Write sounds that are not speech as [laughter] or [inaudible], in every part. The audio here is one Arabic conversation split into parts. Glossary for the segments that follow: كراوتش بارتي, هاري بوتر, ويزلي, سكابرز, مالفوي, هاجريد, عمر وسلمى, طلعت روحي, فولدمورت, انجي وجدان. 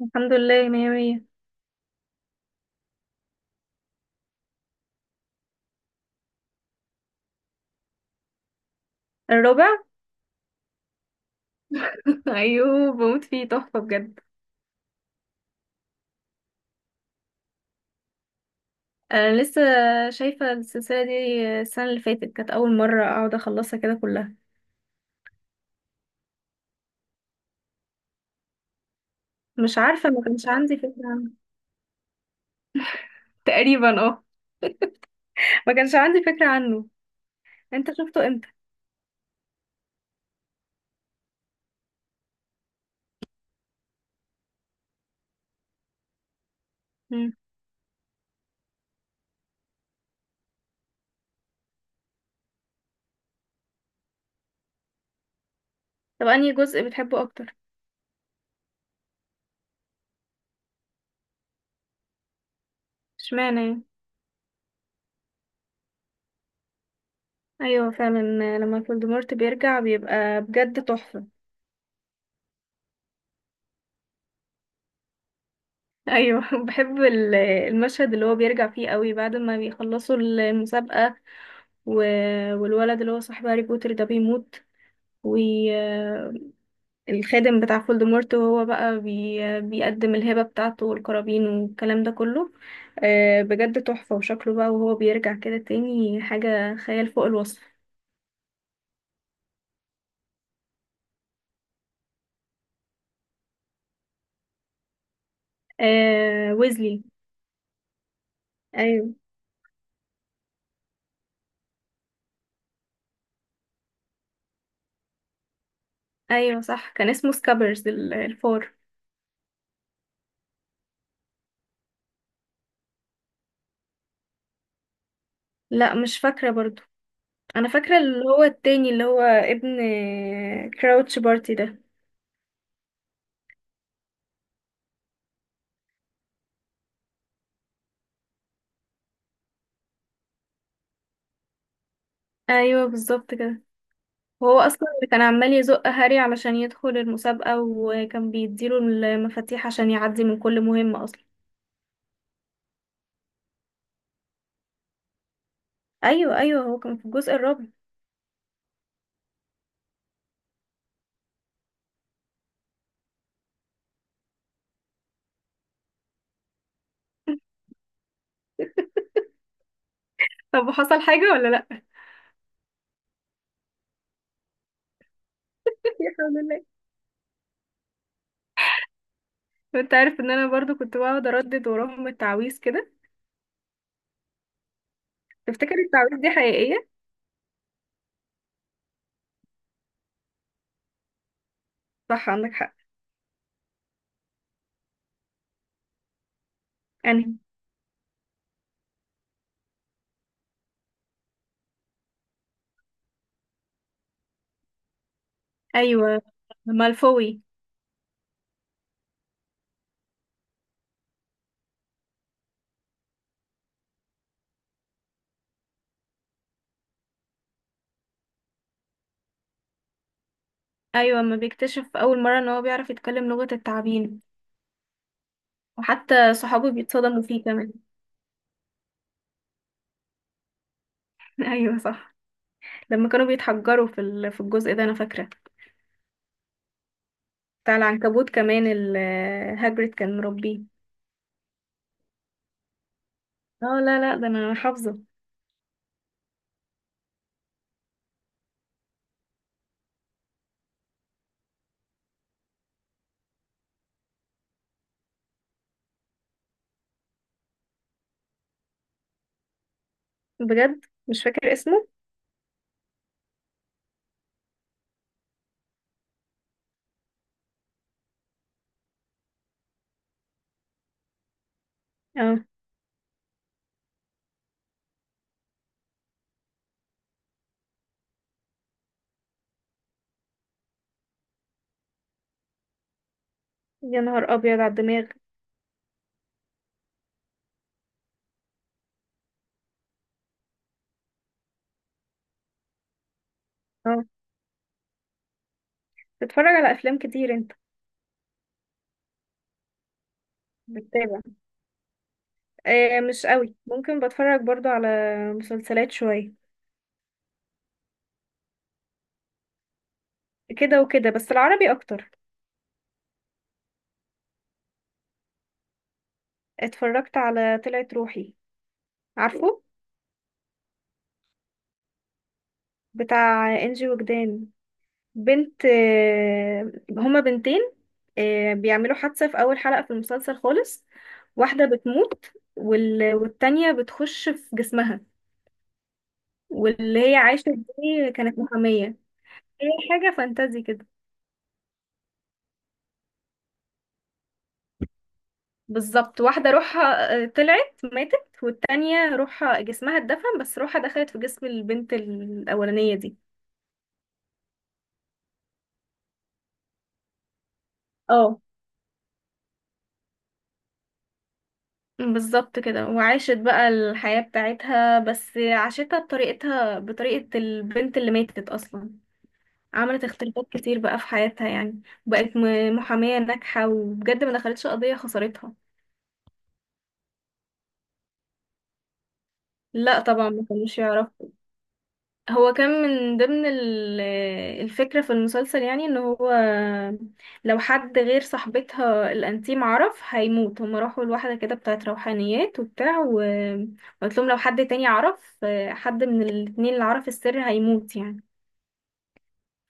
الحمد لله، مية مية. الرابع. [laughs] ايوه، بموت فيه، تحفه بجد. انا لسه شايفه السلسله دي السنه اللي فاتت، كانت اول مره اقعد اخلصها كده كلها. مش عارفه، ما كانش عندي فكره عنه. تقريبا اه. ما كانش عندي فكره عنه. انت شفته امتى؟ مم. طب انهي جزء بتحبه اكتر؟ اشمعنى يعني؟ ايوه فعلا. لما فولدمورت بيرجع بيبقى بجد تحفه. ايوه [laughs] بحب المشهد اللي هو بيرجع فيه قوي بعد ما بيخلصوا المسابقه و... والولد اللي هو صاحب هاري بوتر ده بيموت. والخادم بتاع فولدمورت، هو بقى بيقدم الهبة بتاعته والقرابين والكلام ده كله. بجد تحفة، وشكله بقى وهو بيرجع كده تاني حاجة خيال فوق الوصف. آه، ويزلي. ايوه. ايوه صح، كان اسمه سكابرز الفار. لا، مش فاكرة برضو. انا فاكرة اللي هو التاني، اللي هو ابن كراوتش بارتي ده. ايوه بالظبط كده. وهو اصلا اللي كان عمال يزق هاري علشان يدخل المسابقة، وكان بيديله المفاتيح عشان يعدي من كل مهمة اصلا. ايوه، ايوه، هو كان في الجزء الرابع. طب وحصل حاجة ولا لا؟ [laughs] الحمد لله. وانت عارف ان انا برضو كنت بقعد اردد وراهم التعويذ كده. تفتكر التعويذ دي حقيقية؟ صح، عندك حق. يعني. ايوه، مالفوي. ايوه، ما بيكتشف اول مرة ان هو بيعرف يتكلم لغة التعابين. وحتى صحابه بيتصدموا فيه كمان. [laughs] ايوه صح. لما كانوا بيتحجروا في في الجزء ده، انا فاكرة بتاع العنكبوت كمان هاجريد كان مربيه. اه لا لا، ده انا حافظه. بجد مش فاكر اسمه. اه، يا نهار ابيض على الدماغ. اه، بتتفرج على افلام كتير انت؟ بتتابع؟ آه مش قوي، ممكن بتفرج برضو على مسلسلات شوية. كده وكده، بس العربي اكتر. اتفرجت على طلعت روحي. عارفه؟ بتاع انجي وجدان. بنت آه، هما بنتين. بيعملوا حادثة في أول حلقة في المسلسل خالص. واحدة بتموت والتانية بتخش في جسمها، واللي هي عايشة دي كانت محامية. هي حاجة فانتازي كده. بالظبط، واحدة روحها طلعت ماتت، والتانية روحها جسمها اتدفن، بس روحها دخلت في جسم البنت الأولانية دي. اه، بالظبط كده، وعاشت بقى الحياة بتاعتها، بس عاشتها بطريقتها، بطريقة البنت اللي ماتت أصلا. عملت اختلافات كتير بقى في حياتها يعني. بقت محامية ناجحة، وبجد ما دخلتش قضية خسرتها. لا طبعا، ما كانوش يعرفوا. هو كان من ضمن الفكرة في المسلسل يعني، ان هو لو حد غير صاحبتها الانتيم عرف هيموت. هما راحوا لواحدة كده بتاعت روحانيات وبتاع وقلت لهم لو حد تاني عرف، حد من الاتنين اللي عرف السر هيموت يعني.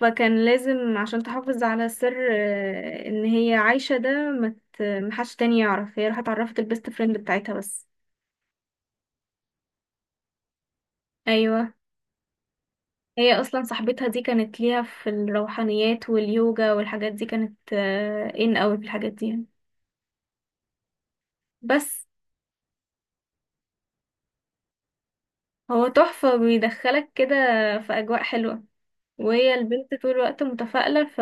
فكان لازم عشان تحافظ على سر، ان هي عايشة ده، مت محدش تاني يعرف. هي راحت اتعرفت البيست فريند بتاعتها بس. ايوه. هي اصلا صاحبتها دي كانت ليها في الروحانيات واليوجا والحاجات دي، كانت ان قوي في الحاجات دي يعني. بس هو تحفة، بيدخلك كده في اجواء حلوة، وهي البنت طول الوقت متفائلة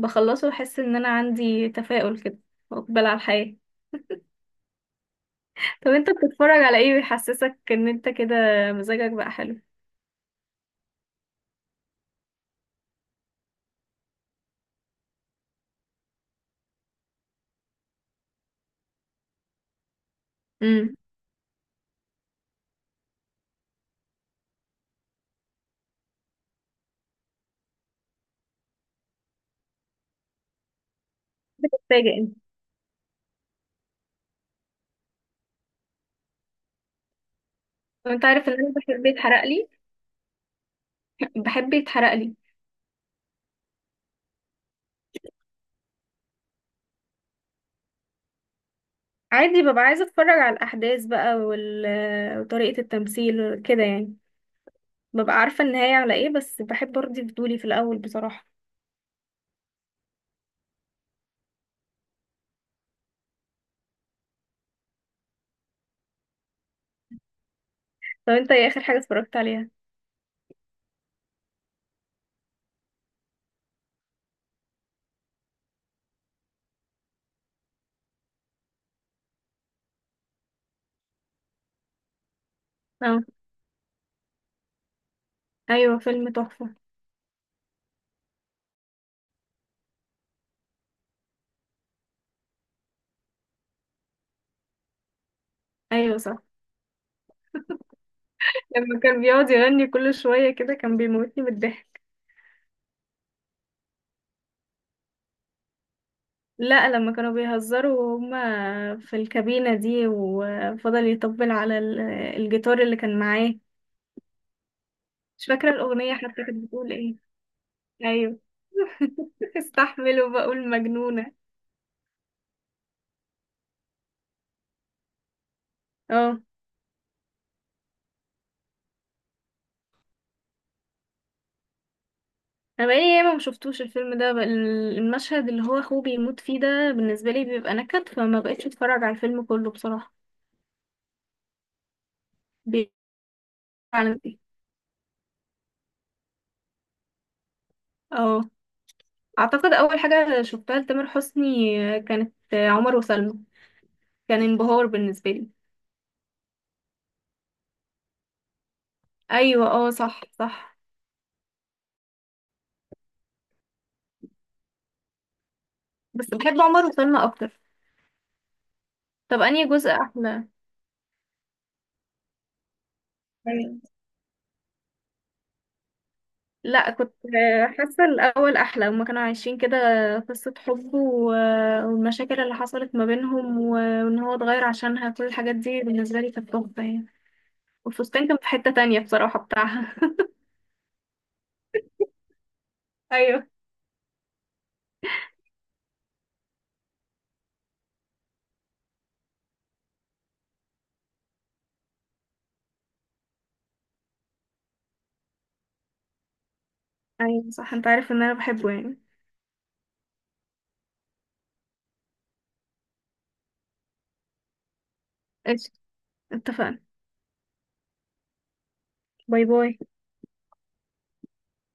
بخلصه واحس ان انا عندي تفاؤل كده، واقبل على الحياة. طب انت بتتفرج على ايه بيحسسك ان انت كده مزاجك بقى حلو؟ امم. بتتفاجئ انت. وانت عارف ان انا بحب يتحرق لي. بحب يتحرق لي. عادي، ببقى عايزه اتفرج على الاحداث بقى وطريقه التمثيل كده يعني. ببقى عارفه النهايه على ايه، بس بحب ارضي فضولي في الاول بصراحه. طب انت ايه اخر حاجه اتفرجت عليها؟ اه. ايوه، فيلم تحفه. ايوه صح. لما كان بيقعد يغني كل شويه كده، كان بيموتني بالضحك. لا، لما كانوا بيهزروا وهما في الكابينه دي، وفضل يطبل على الجيتار اللي كان معاه. مش فاكره الاغنيه حتى كانت بتقول ايه. ايوه. [laughs] استحمل وبقول مجنونة. اه. انا بقالي ياما ما شفتوش الفيلم ده. بقى المشهد اللي هو اخوه بيموت فيه ده بالنسبة لي بيبقى نكد، فما بقتش اتفرج على الفيلم كله بصراحة. بي- على ايه. اه، اعتقد اول حاجة شفتها لتامر حسني كانت عمر وسلمى. كان انبهار بالنسبة لي. ايوه اه، صح صح. بس بحب عمر وسلمى اكتر. طب انهي جزء احلى؟ لا كنت. حاسة الأول أحلى، هما كانوا عايشين كده قصة حب والمشاكل اللي حصلت ما بينهم، وإن هو اتغير عشانها، كل الحاجات دي بالنسبة لي كانت تحفة يعني. والفستان كان في حتة تانية بصراحة بتاعها. [laughs] أيوه. أيوه صح، أنت عارف إن أنا بحبه يعني. قشطة. اتفقنا. باي باي.